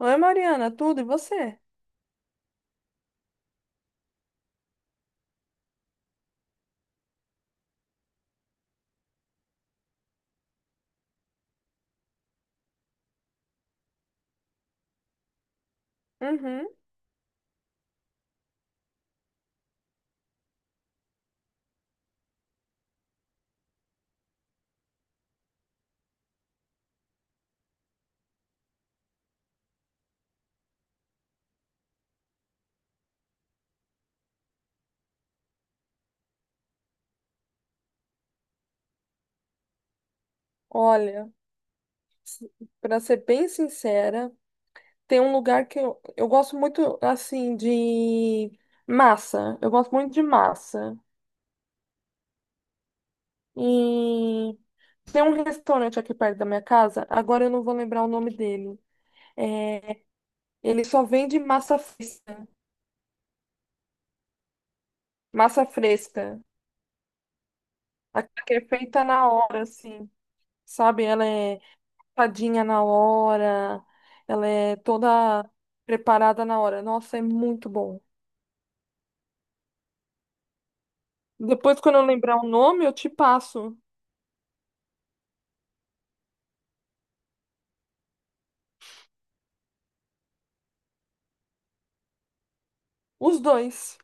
Oi, Mariana, tudo e você? Uhum. Olha, para ser bem sincera, tem um lugar que eu gosto muito, assim, de massa. Eu gosto muito de massa. E tem um restaurante aqui perto da minha casa, agora eu não vou lembrar o nome dele. É, ele só vende massa fresca. Massa fresca. A que é feita na hora, assim. Sabe? Ela é tadinha na hora, ela é toda preparada na hora. Nossa, é muito bom. Depois, quando eu lembrar o nome, eu te passo os dois.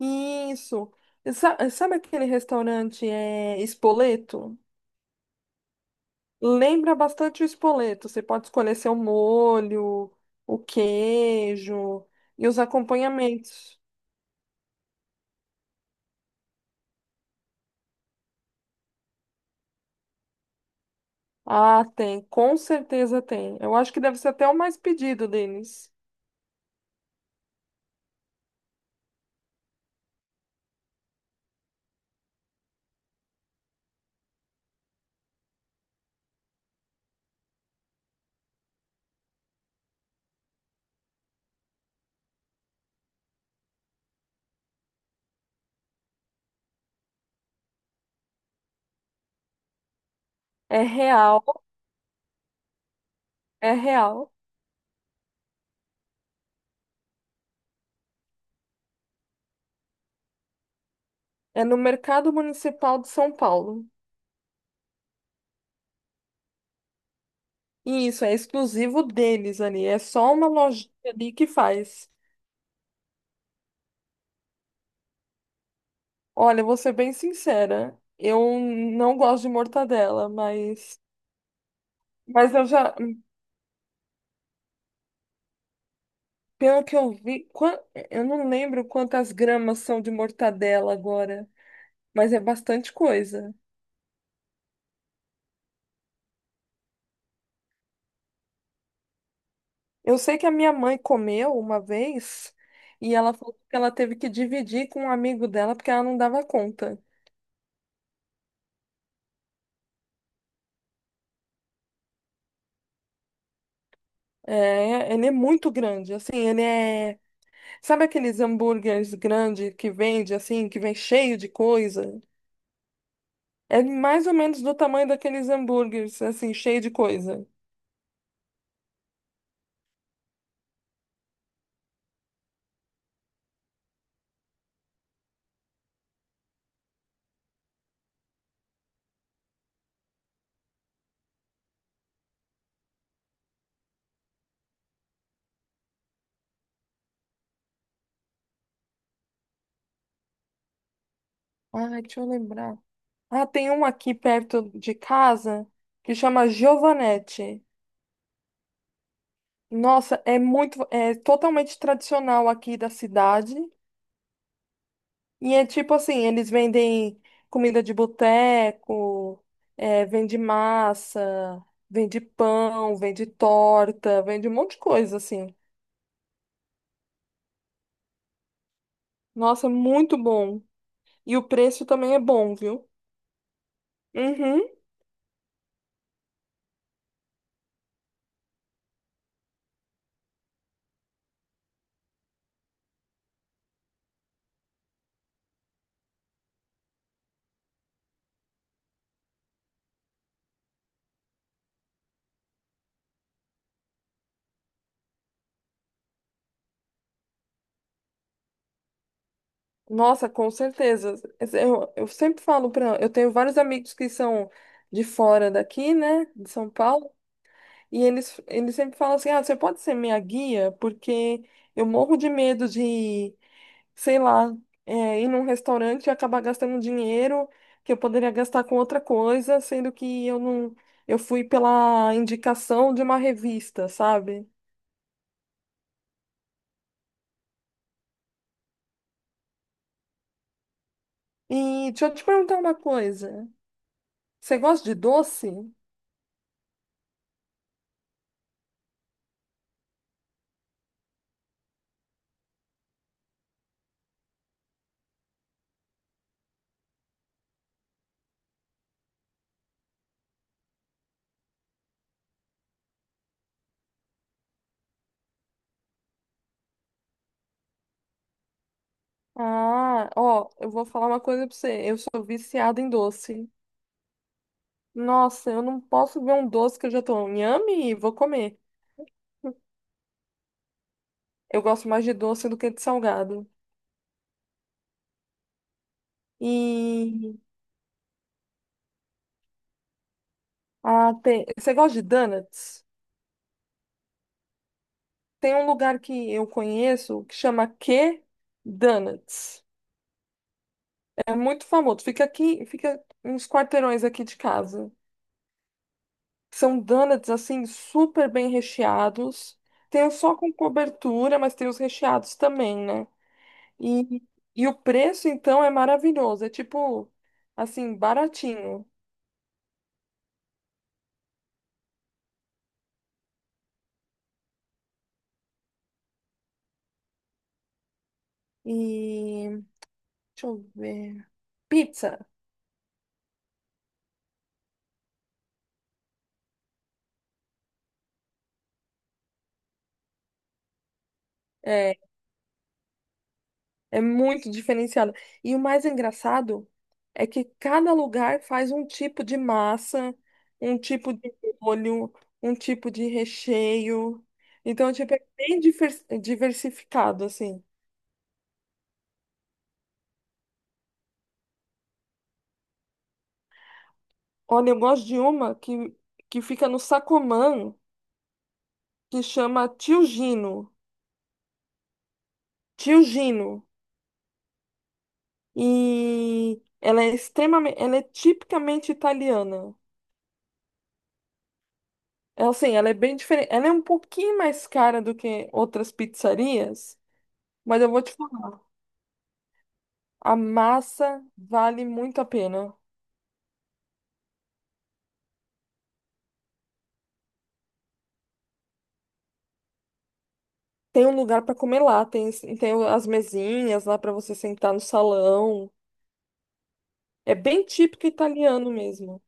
Isso. E sabe aquele restaurante é Espoleto? Lembra bastante o Espoleto. Você pode escolher seu molho, o queijo e os acompanhamentos. Ah, tem, com certeza tem. Eu acho que deve ser até o mais pedido deles. É real, é real. É no Mercado Municipal de São Paulo. E isso é exclusivo deles ali. É só uma lojinha ali que faz. Olha, vou ser bem sincera. Eu não gosto de mortadela, mas eu já, pelo que eu vi, eu não lembro quantas gramas são de mortadela agora, mas é bastante coisa. Eu sei que a minha mãe comeu uma vez e ela falou que ela teve que dividir com um amigo dela porque ela não dava conta. É, ele é muito grande, assim, ele é. Sabe aqueles hambúrgueres grandes que vende, assim, que vem cheio de coisa? É mais ou menos do tamanho daqueles hambúrgueres, assim, cheio de coisa. Ai, deixa eu lembrar. Ah, tem um aqui perto de casa que chama Giovanetti. Nossa, é muito, é totalmente tradicional aqui da cidade. E é tipo assim, eles vendem comida de boteco, vende massa, vende pão, vende torta, vende um monte de coisa, assim. Nossa, muito bom. E o preço também é bom, viu? Uhum. Nossa, com certeza. Eu sempre falo para, eu tenho vários amigos que são de fora daqui, né, de São Paulo, e eles sempre falam assim: "Ah, você pode ser minha guia, porque eu morro de medo de, sei lá, ir num restaurante e acabar gastando dinheiro que eu poderia gastar com outra coisa, sendo que eu não eu fui pela indicação de uma revista, sabe? E deixa eu te perguntar uma coisa. Você gosta de doce? Ah, ó, eu vou falar uma coisa pra você. Eu sou viciada em doce. Nossa, eu não posso ver um doce que eu já tô nhame e vou comer. Eu gosto mais de doce do que de salgado. E ah, tem... você gosta de donuts? Tem um lugar que eu conheço que chama Q Donuts. É muito famoso. Fica aqui, fica uns quarteirões aqui de casa. São donuts assim super bem recheados. Tem os só com cobertura, mas tem os recheados também, né? E, e o preço então é maravilhoso, é tipo assim, baratinho. E deixa eu ver. Pizza é, é muito diferenciada. E o mais engraçado é que cada lugar faz um tipo de massa, um tipo de molho, um tipo de recheio. Então, tipo, é bem diversificado, assim. Olha, eu gosto de uma que fica no Sacomã, que chama Tio Gino. Tio Gino. E ela é extremamente, ela é tipicamente italiana. É assim, ela é bem diferente. Ela é um pouquinho mais cara do que outras pizzarias, mas eu vou te falar, a massa vale muito a pena. Tem um lugar para comer lá, tem, tem as mesinhas lá para você sentar no salão. É bem típico italiano mesmo.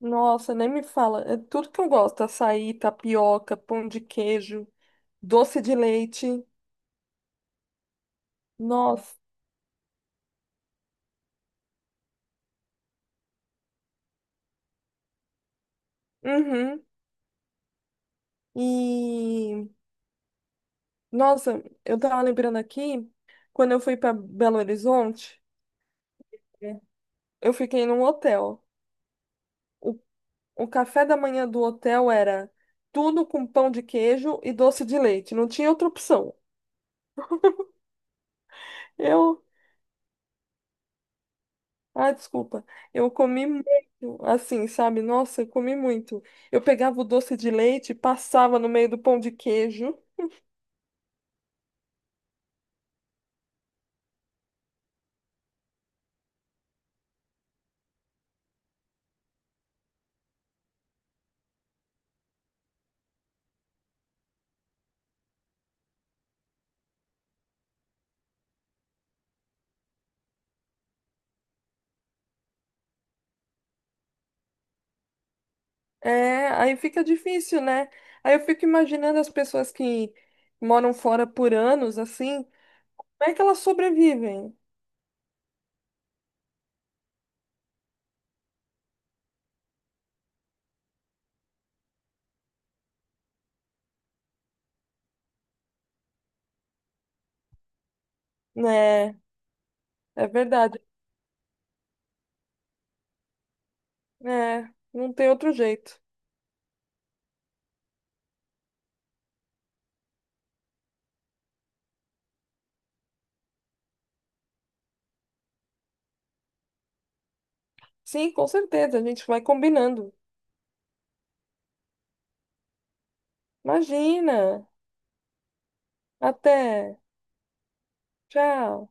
Nossa, nem me fala. É tudo que eu gosto: açaí, tapioca, pão de queijo, doce de leite. Nossa. Uhum. E nossa, eu tava lembrando aqui, quando eu fui para Belo Horizonte, é, eu fiquei num hotel. O, o café da manhã do hotel era tudo com pão de queijo e doce de leite. Não tinha outra opção. Eu. Ah, desculpa. Eu comi muito, assim, sabe? Nossa, eu comi muito. Eu pegava o doce de leite, passava no meio do pão de queijo. É, aí fica difícil, né? Aí eu fico imaginando as pessoas que moram fora por anos, assim, como é que elas sobrevivem, né? É verdade. É, não tem outro jeito. Sim, com certeza, a gente vai combinando. Imagina. Até. Tchau.